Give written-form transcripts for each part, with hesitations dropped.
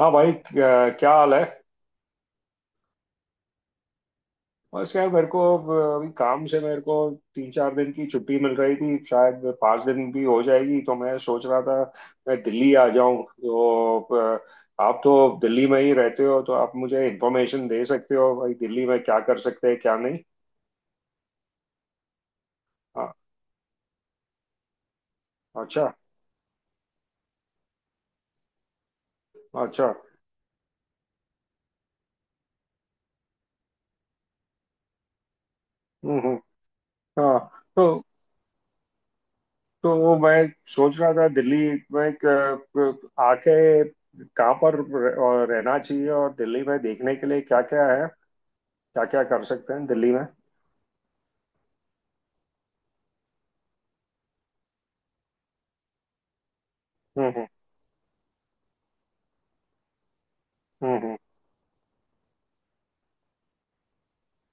हाँ भाई क्या, क्या हाल है। बस यार मेरे को अब अभी काम से मेरे को तीन चार दिन की छुट्टी मिल रही थी, शायद पाँच दिन भी हो जाएगी। तो मैं सोच रहा था मैं दिल्ली आ जाऊं तो आप तो दिल्ली में ही रहते हो, तो आप मुझे इन्फॉर्मेशन दे सकते हो भाई, दिल्ली में क्या कर सकते हैं क्या नहीं। हाँ। अच्छा। अच्छा। हम्म। हाँ तो मैं सोच रहा था दिल्ली में एक, आके कहाँ पर रहना चाहिए और दिल्ली में देखने के लिए क्या क्या है, क्या क्या कर सकते हैं दिल्ली में। हम्म हम्म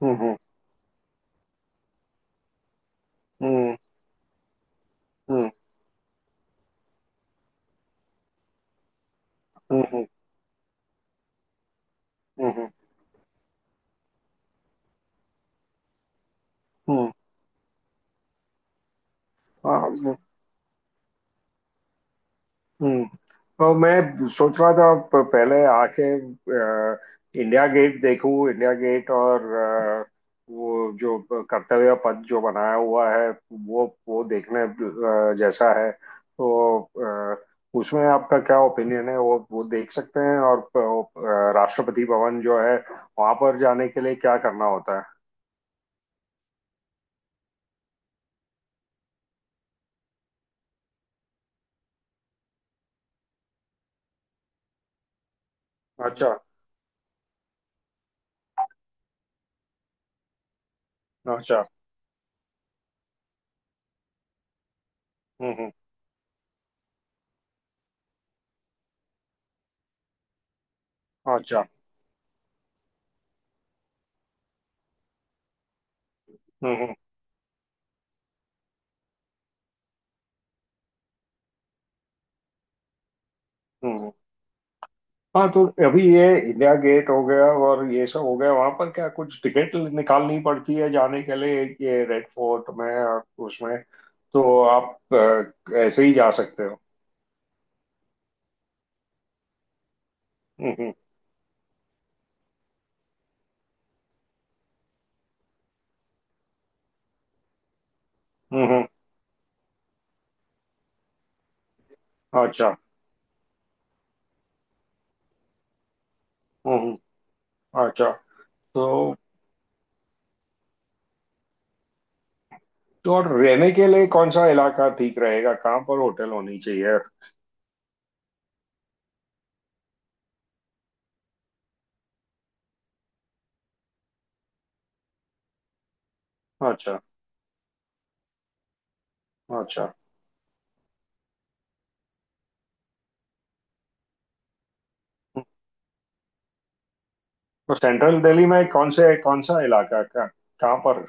हम्म हम्म हम्म हम्म हम्म हम्म हम्म। हाँ, हम्म। तो मैं सोच रहा था पहले आके इंडिया गेट देखूं। इंडिया गेट और वो जो कर्तव्य पथ जो बनाया हुआ है, वो देखने जैसा है। तो अ, उसमें आपका क्या ओपिनियन है, वो देख सकते हैं? और राष्ट्रपति भवन जो है, वहां पर जाने के लिए क्या करना होता है। अच्छा। अच्छा। हम्म। अच्छा। हम्म हम्म हम्म। हाँ तो अभी ये इंडिया गेट हो गया और ये सब हो गया, वहां पर क्या कुछ टिकट निकालनी पड़ती है जाने के लिए? ये रेड फोर्ट में और उसमें तो आप ऐसे ही जा सकते हो। हम्म हम्म हम्म। अच्छा। हम्म हम्म, अच्छा। तो और रहने के लिए कौन सा इलाका ठीक रहेगा, कहाँ पर होटल होनी चाहिए। अच्छा। अच्छा। तो सेंट्रल दिल्ली में कौन सा इलाका का कहाँ पर।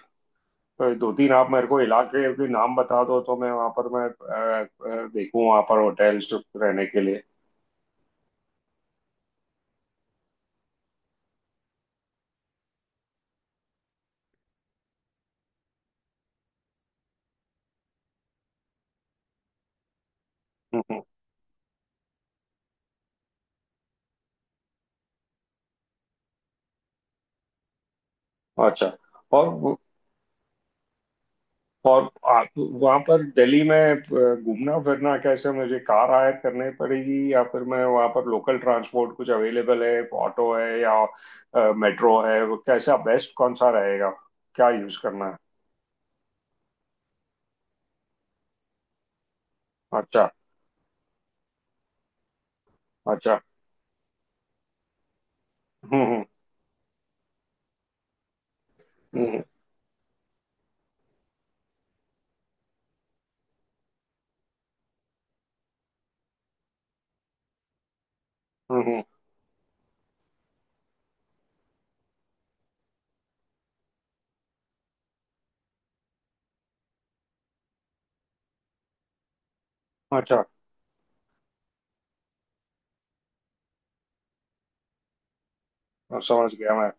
तो दो तीन आप मेरे को इलाके के नाम बता दो, तो मैं वहां पर मैं देखूं वहां पर होटल्स रहने के लिए। हम्म, अच्छा। और वो- और आप वहां पर दिल्ली में घूमना फिरना कैसे? मुझे कार हायर करनी पड़ेगी या फिर मैं वहां पर लोकल ट्रांसपोर्ट? कुछ अवेलेबल है? ऑटो है या मेट्रो है? वो कैसा बेस्ट, कौन सा रहेगा, क्या यूज करना है। अच्छा। अच्छा। हम्म हम्म हम्म हम्म, हम्म। अच्छा। समझ गया मैं।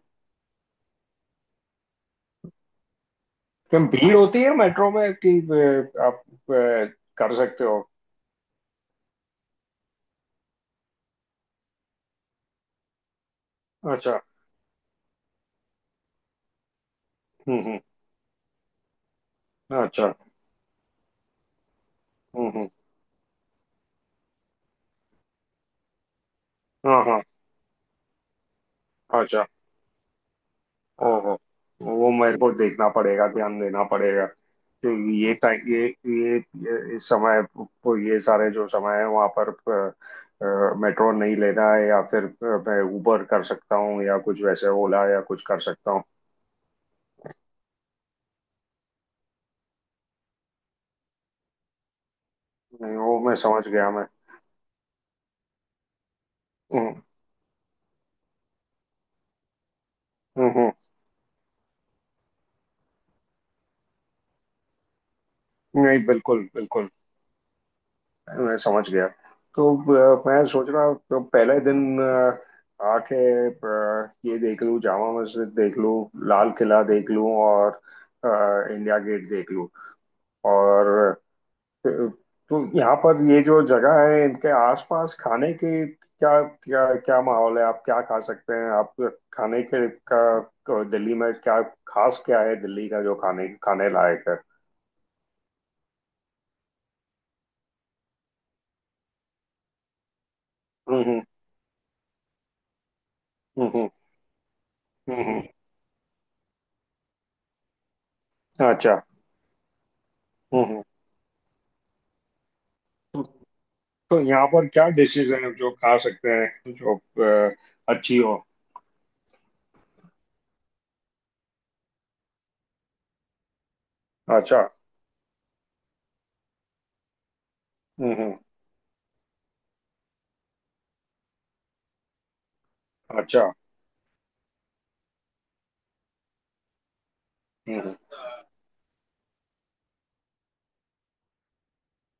क्या भीड़ होती है मेट्रो में कि आप अ, कर सकते हो। अच्छा। हम्म हम्म। अच्छा। हम्म। हाँ हाँ। अच्छा। ओहो। वो मेरे को देखना पड़ेगा, ध्यान देना पड़ेगा। तो ये टाइम इस समय वो ये सारे जो समय है, वहाँ पर मेट्रो नहीं लेना है, या फिर मैं उबर कर सकता हूँ या कुछ वैसे ओला या कुछ कर सकता हूँ। नहीं वो मैं समझ गया मैं। हम्म हम्म हम्म। नहीं बिल्कुल बिल्कुल। मैं समझ गया। तो मैं सोच रहा हूँ तो पहले दिन आके ये देख लूँ, जामा मस्जिद देख लूँ, लाल किला देख लूँ और इंडिया गेट देख लूँ। और अ, तो यहाँ पर ये जो जगह है, इनके आसपास खाने की क्या क्या क्या माहौल है? आप क्या खा सकते हैं? आप खाने के का दिल्ली में क्या खास क्या है दिल्ली का जो खाने खाने लायक है। हम्म हम्म हम्म हम्म हम्म, अच्छा। हम्म हम्म। तो यहाँ पर क्या डिशेज हैं जो खा सकते हैं जो अ, अच्छी हो। अच्छा। हम्म। अच्छा। हम्म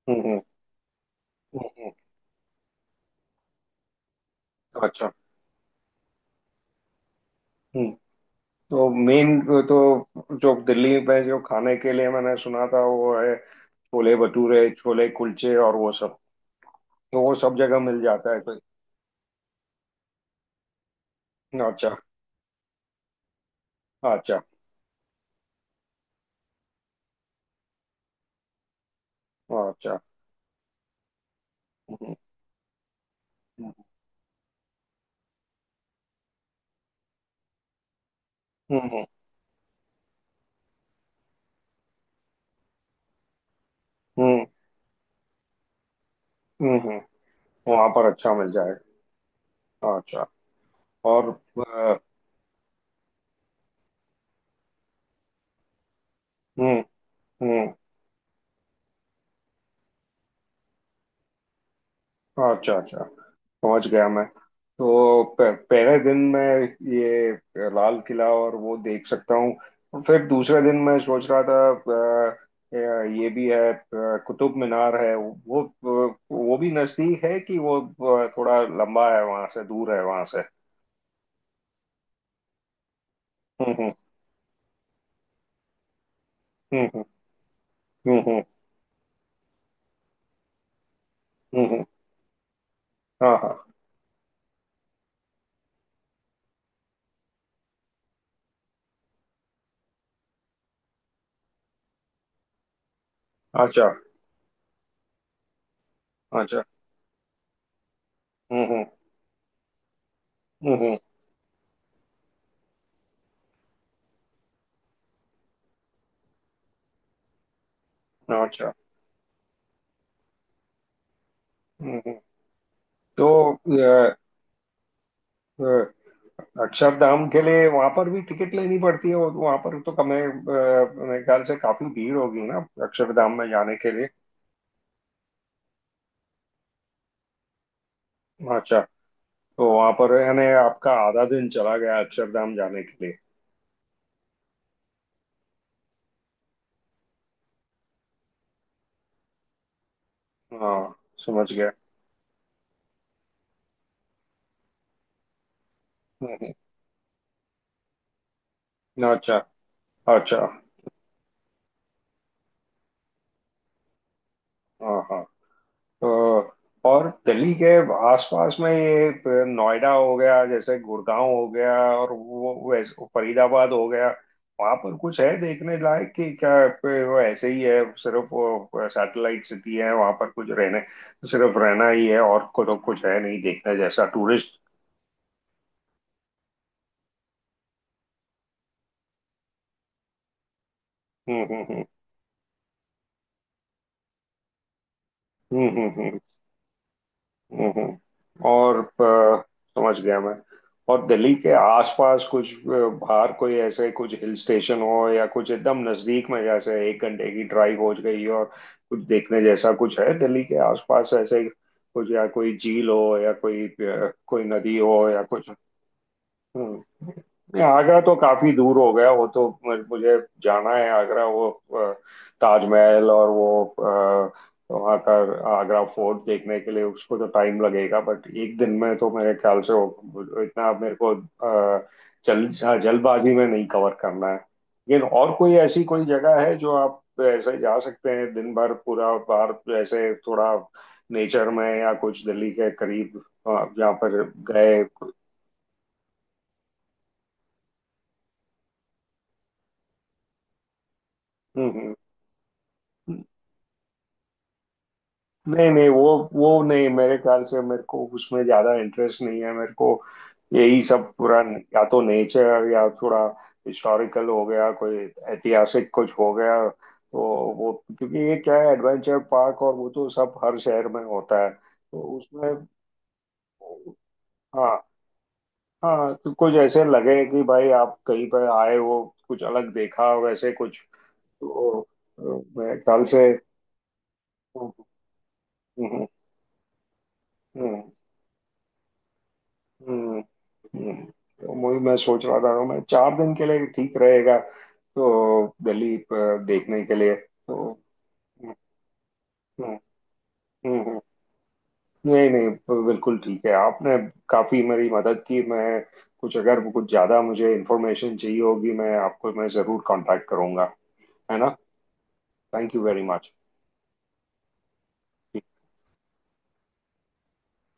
हम्म हम्म हम्म, अच्छा। हम्म। तो मेन, तो जो दिल्ली में जो खाने के लिए मैंने सुना था वो है छोले भटूरे, छोले कुलचे और वो सब। तो वो सब जगह मिल जाता है तो। अच्छा। अच्छा। अच्छा। हम्म हम्म। हम्म हम्म। वहां पर अच्छा मिल जाएगा। अच्छा। और अ, हम्म हम्म। अच्छा। अच्छा। समझ गया मैं। तो पहले दिन मैं ये लाल किला और वो देख सकता हूँ। और फिर दूसरे दिन मैं सोच रहा था, अ, ये भी है कुतुब मीनार है, वो भी नजदीक है कि वो थोड़ा लंबा है वहां से, दूर है वहां से। हम्म हम्म हम्म हम्म हम्म हम्म, हम्म, हम्म। हाँ हाँ। अच्छा। अच्छा। हम्म हम्म हम्म अच्छा। हम्म हम्म। तो अ, अक्षरधाम के लिए वहां पर भी टिकट लेनी पड़ती है? और वहां पर तो कम है, मेरे ख्याल से काफी भीड़ होगी ना अक्षरधाम में जाने के लिए। अच्छा। तो वहां पर यानी आपका आधा दिन चला गया अक्षरधाम जाने के लिए। हाँ। समझ गया। हम्म, अच्छा। अच्छा। हाँ हाँ। तो और दिल्ली के आसपास में ये नोएडा हो गया जैसे, गुड़गांव हो गया और वो वैसे फरीदाबाद हो गया, वहां पर कुछ है देखने लायक कि क्या वो ऐसे ही है, सिर्फ वो सैटेलाइट सिटी है? वहां पर कुछ रहने, सिर्फ रहना ही है और को तो कुछ है नहीं देखने जैसा टूरिस्ट। हम्म हम्म हम्म हम्म हम्म हम्म और समझ गया मैं। और दिल्ली के आसपास कुछ बाहर कोई ऐसे कुछ हिल स्टेशन हो या कुछ एकदम नजदीक में, जैसे एक घंटे की ड्राइव हो गई और कुछ देखने जैसा कुछ है दिल्ली के आसपास ऐसे कुछ? या कोई झील हो या कोई कोई नदी हो या कुछ। हम्म। नहीं, आगरा तो काफी दूर हो गया वो तो। मुझे जाना है आगरा, वो ताजमहल और वो। तो वहाँ का आगरा फोर्ट देखने के लिए उसको तो टाइम लगेगा, बट एक दिन में तो मेरे ख्याल से इतना मेरे को अ, जल हाँ, जल्दबाजी में नहीं कवर करना है। लेकिन और कोई ऐसी कोई जगह है जो आप ऐसे जा सकते हैं दिन भर पूरा बाहर, ऐसे थोड़ा नेचर में या कुछ दिल्ली के करीब, जहाँ पर गए। हम्म हम्म। नहीं नहीं वो नहीं, मेरे ख्याल से मेरे को उसमें ज्यादा इंटरेस्ट नहीं है मेरे को। यही सब पूरा, या तो नेचर या थोड़ा हिस्टोरिकल हो गया, कोई ऐतिहासिक कुछ हो गया तो वो। क्योंकि ये क्या है एडवेंचर पार्क, और वो तो सब हर शहर में होता है तो उसमें। हाँ हाँ। तो कुछ ऐसे लगे कि भाई आप कहीं पर आए हो, कुछ अलग देखा वैसे कुछ। तो मेरे ख्याल से। हम्म, हम्म, हम्म। हम्म हम्म। तो वही मैं सोच रहा था मैं चार दिन के लिए ठीक रहेगा तो दिल्ली देखने के लिए तो। हम्म हम्म, हम्म। नहीं नहीं बिल्कुल ठीक है, आपने काफी मेरी मदद की। मैं कुछ, अगर कुछ ज्यादा मुझे इंफॉर्मेशन चाहिए होगी मैं आपको मैं जरूर कांटेक्ट करूंगा। है ना। Thank you very much.